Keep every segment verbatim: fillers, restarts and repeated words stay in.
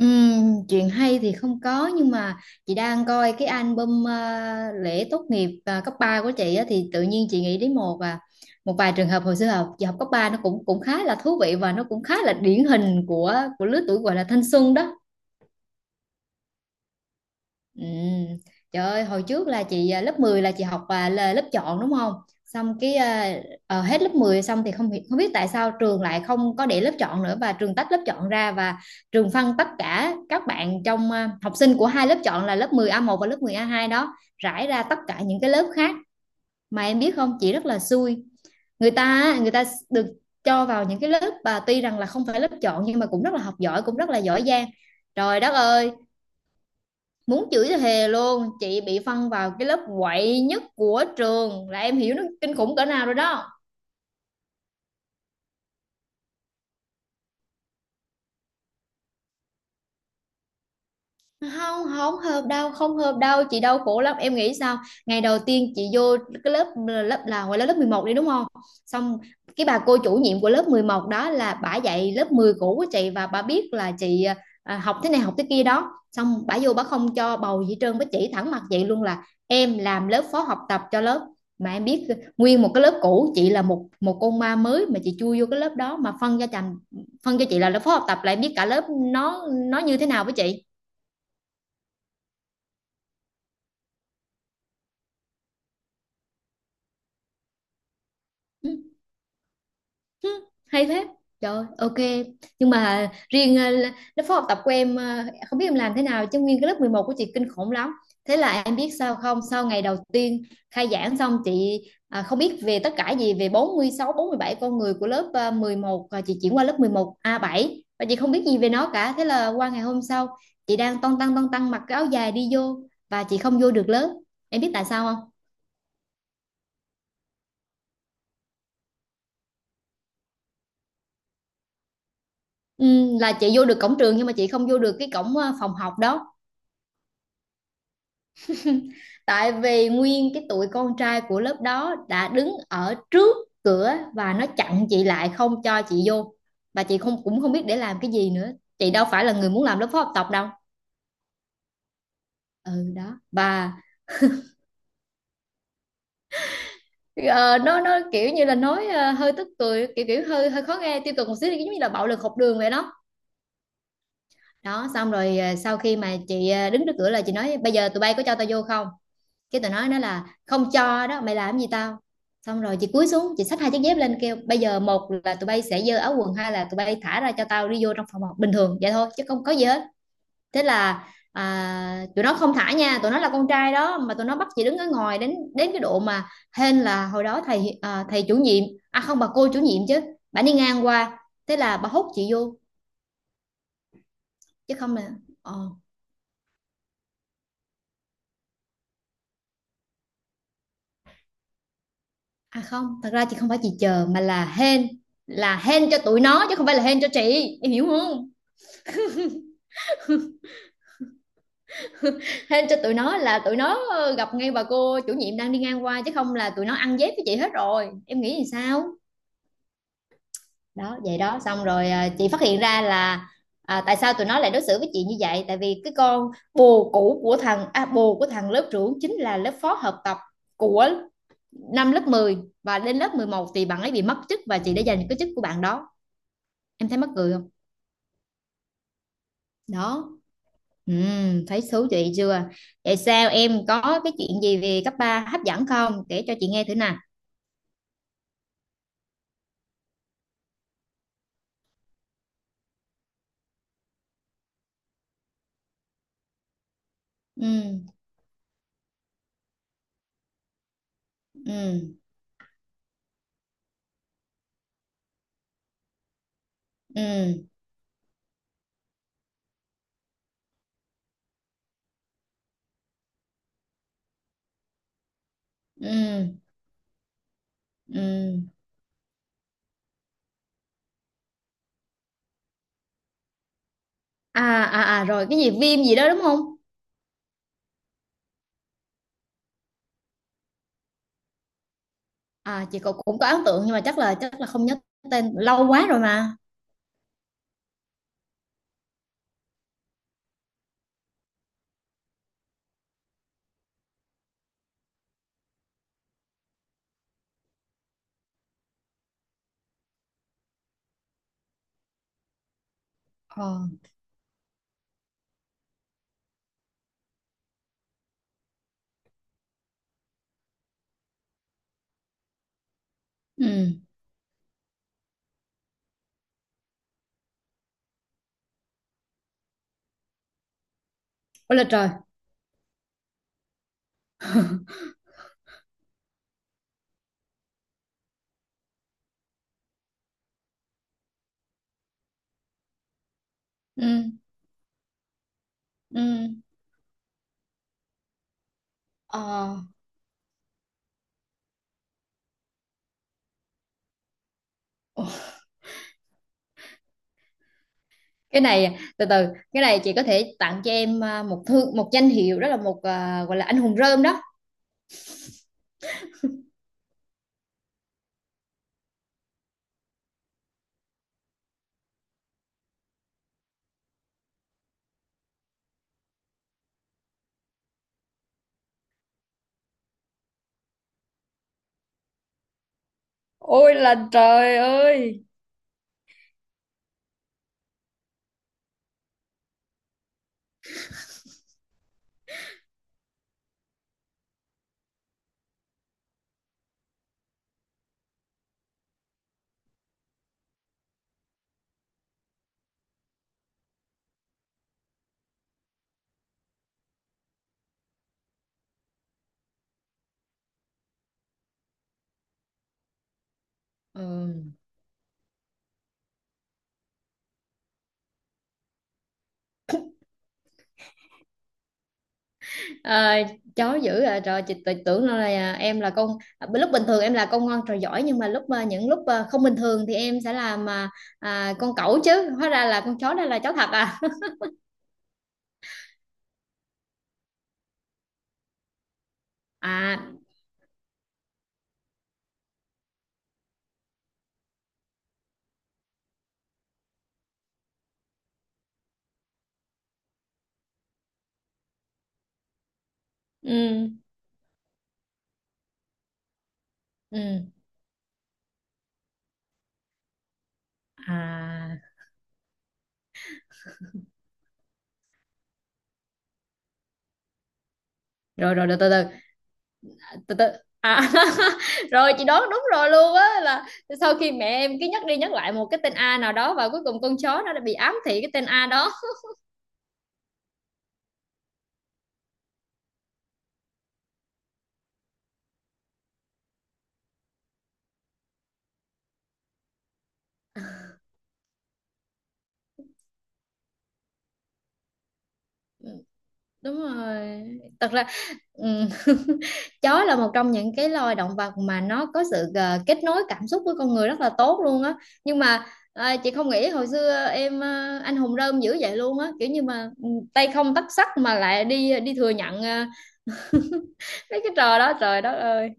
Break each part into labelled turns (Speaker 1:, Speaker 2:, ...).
Speaker 1: Ừm, chuyện hay thì không có, nhưng mà chị đang coi cái album ờ, lễ tốt nghiệp ờ, cấp ba của chị á, thì tự nhiên chị nghĩ đến một à một vài trường hợp hồi xưa học, chị học cấp ba nó cũng cũng khá là thú vị và nó cũng khá là điển hình của của lứa tuổi gọi là thanh xuân đó. Ừ. Trời ơi, hồi trước là chị à, lớp mười là chị học à, là lớp chọn đúng không? Xong cái à, ờ, hết lớp mười xong thì không hi- không biết tại sao trường lại không có để lớp chọn nữa, và trường tách lớp chọn ra, và trường phân tất cả các bạn trong à, học sinh của hai lớp chọn là lớp mười a một và lớp mười a hai đó rải ra tất cả những cái lớp khác. Mà em biết không, chị rất là xui. Người ta á, người ta được cho vào những cái lớp và tuy rằng là không phải lớp chọn nhưng mà cũng rất là học giỏi, cũng rất là giỏi giang. Trời đất ơi, muốn chửi thì thề luôn, chị bị phân vào cái lớp quậy nhất của trường, là em hiểu nó kinh khủng cỡ nào rồi đó. Không, không hợp đâu, không hợp đâu, chị đau khổ lắm, em nghĩ sao. Ngày đầu tiên chị vô cái lớp, lớp là ngoài lớp lớp mười một đi đúng không. Xong cái bà cô chủ nhiệm của lớp mười một đó là bả dạy lớp mười cũ của chị, và bà biết là chị à, học thế này học thế kia đó, xong bả vô bả không cho bầu gì hết trơn, bả chỉ thẳng mặt vậy luôn là em làm lớp phó học tập cho lớp. Mà em biết, nguyên một cái lớp cũ, chị là một một con ma mới mà chị chui vô cái lớp đó, mà phân cho chành, phân cho chị là lớp phó học tập, lại biết cả lớp nó nó như thế nào với chị. Ừ. Hứ, hay thế, trời, ok. Nhưng mà riêng ờ, l- lớp phó học tập của em ờ, không biết em làm thế nào chứ nguyên cái lớp mười một của chị kinh khủng lắm. Thế là em biết sao không, sau ngày đầu tiên khai giảng xong chị à, không biết về tất cả gì về bốn bốn mươi sáu, bốn mươi bảy con người của lớp ờ, mười một, và chị chuyển qua lớp mười một a bảy và chị không biết gì về nó cả. Thế là qua ngày hôm sau chị đang ton tăng ton tăng mặc cái áo dài đi vô và chị không vô được lớp, em biết tại sao không. Ừ, là chị vô được cổng trường nhưng mà chị không vô được cái cổng ờ, phòng học đó. Tại vì nguyên cái tụi con trai của lớp đó đã đứng ở trước cửa và nó chặn chị lại không cho chị vô, và chị không, cũng không biết để làm cái gì nữa, chị đâu phải là người muốn làm lớp phó học tập đâu. Ừ đó. Và ờ, nó nó kiểu như là nói ờ, hơi tức cười, kiểu kiểu hơi hơi khó nghe, tiêu cực một xíu, giống như là bạo lực học đường vậy đó. Đó xong rồi ờ, sau khi mà chị ờ, đứng trước cửa là chị nói bây giờ tụi bay có cho tao vô không. Cái tụi nó nói là không cho đó, mày làm gì tao. Xong rồi chị cúi xuống chị xách hai chiếc dép lên kêu bây giờ một là tụi bay sẽ giơ áo quần, hai là tụi bay thả ra cho tao đi vô trong phòng học bình thường vậy thôi chứ không có gì hết. Thế là à, tụi nó không thả nha, tụi nó là con trai đó mà, tụi nó bắt chị đứng ở ngoài đến đến cái độ mà hên là hồi đó thầy à, thầy chủ nhiệm, à không, bà cô chủ nhiệm chứ, bà đi ngang qua, thế là bà hút chị vô chứ không là ờ. À không, thật ra chị không phải chị chờ mà là hên, là hên cho tụi nó chứ không phải là hên cho chị, em hiểu không. Hên cho tụi nó là tụi nó ờ, gặp ngay bà cô chủ nhiệm đang đi ngang qua chứ không là tụi nó ăn dép với chị hết rồi, em nghĩ thì sao. Đó vậy đó, xong rồi ờ, chị phát hiện ra là à, tại sao tụi nó lại đối xử với chị như vậy, tại vì cái con bồ cũ của thằng à, bồ của thằng lớp trưởng chính là lớp phó hợp tập của năm lớp mười, và đến lớp mười một thì bạn ấy bị mất chức và chị đã giành cái chức của bạn đó, em thấy mắc cười không. Đó. Ừ, thấy thú vị chưa? Vậy sao, em có cái chuyện gì về cấp ba hấp dẫn không? Kể cho chị nghe thử nè. Ừ, ừ, ừ, ừ, ừ. À, à, à, rồi cái gì viêm gì đó đúng không? À, chị cũng cũng có ấn tượng nhưng mà chắc là chắc là không nhớ tên, lâu quá rồi mà. Ờ, ừ, ôi là trời. Ừ, ừ, ờ. Ồ, cái này từ từ, cái này chị có thể tặng cho em à, một thương một danh hiệu, đó là một à, gọi là anh hùng rơm đó. Ôi là trời ơi. Ừ. Ờ, chó dữ à, trời, chị tự tưởng đâu là à, em là con, à, lúc bình thường em là con ngoan trò giỏi, nhưng mà lúc à, những lúc à, không bình thường thì em sẽ làm à, à, con cẩu, chứ hóa ra là con chó, đây là chó thật à. À, ừ, ừ, à, rồi rồi, từ từ từ, từ từ, à. Rồi chị đoán đúng rồi luôn á, là sau khi mẹ em cứ nhắc đi nhắc lại một cái tên A nào đó và cuối cùng con chó nó đã bị ám thị cái tên A đó. Đúng rồi. Thật ra, ừ, chó là một trong những cái loài động vật mà nó có sự ờ, kết nối cảm xúc với con người rất là tốt luôn á. Nhưng mà ờ, chị không nghĩ hồi xưa em ờ, anh hùng rơm dữ vậy luôn á, kiểu như mà ừ, tay không tấc sắt mà lại đi đi thừa nhận ờ, mấy cái trò đó, trời đất ơi.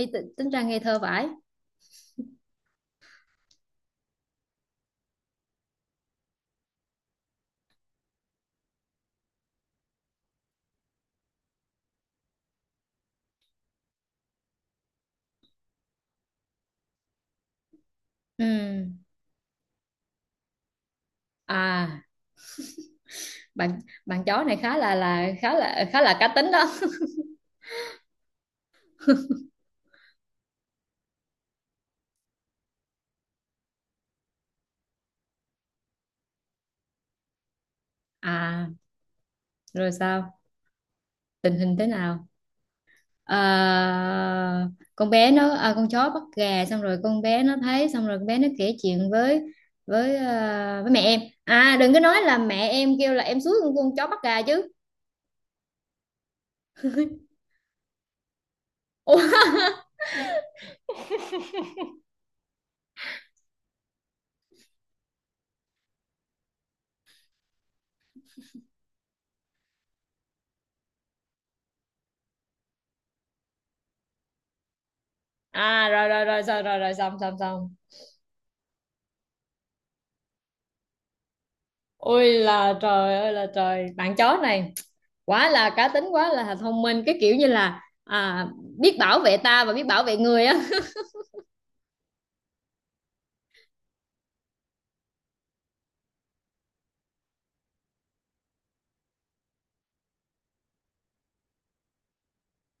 Speaker 1: Ê, t- tính ra ngây thơ vãi. Ừ. À, bạn bạn chó này khá là, là khá là khá là cá tính đó. À, rồi sao, tình hình thế nào. À, con bé nó, à, con chó bắt gà xong rồi con bé nó thấy, xong rồi con bé nó kể chuyện với với à, với mẹ em, à đừng có nói là mẹ em kêu là em suốt con con chó bắt gà chứ. Ủa. À rồi rồi rồi rồi rồi rồi, xong xong xong. Ôi là trời ơi là trời, bạn chó này quá là cá tính, quá là thông minh, cái kiểu như là à, biết bảo vệ ta và biết bảo vệ người á.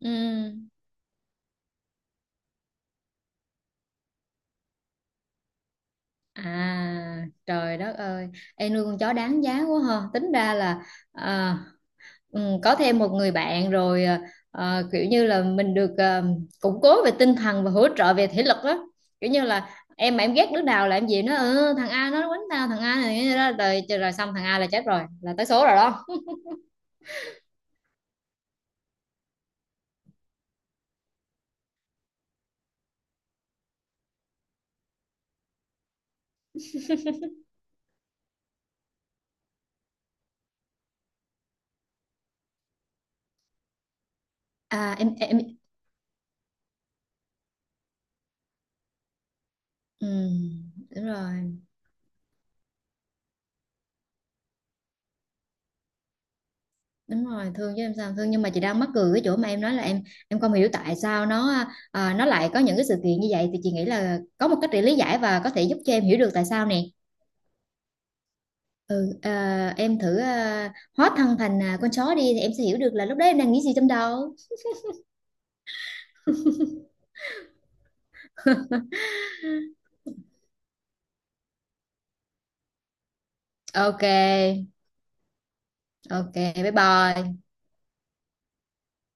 Speaker 1: Ừ. À, trời đất ơi, em nuôi con chó đáng giá quá ha, tính ra là à, ừ, có thêm một người bạn rồi, ờ, ờ, kiểu như là mình được ờ, củng cố về tinh thần và hỗ trợ về thể lực đó, kiểu như là em mà em ghét đứa nào là em gì nó "Ờ, thằng A nó quánh tao, thằng A này đó. Rồi rồi, xong thằng A là chết rồi, là tới số rồi đó. à em em ừ, đúng rồi. Đúng rồi, thương chứ em sao không thương, nhưng mà chị đang mắc cười cái chỗ mà em nói là em em không hiểu tại sao nó, à, nó lại có những cái sự kiện như vậy, thì chị nghĩ là có một cách để lý giải và có thể giúp cho em hiểu được tại sao nè. ừ à, em thử à, hóa thân thành à, con chó đi thì em sẽ hiểu được là lúc đấy em đang nghĩ gì trong đầu. Ok. Ok. Bye bye.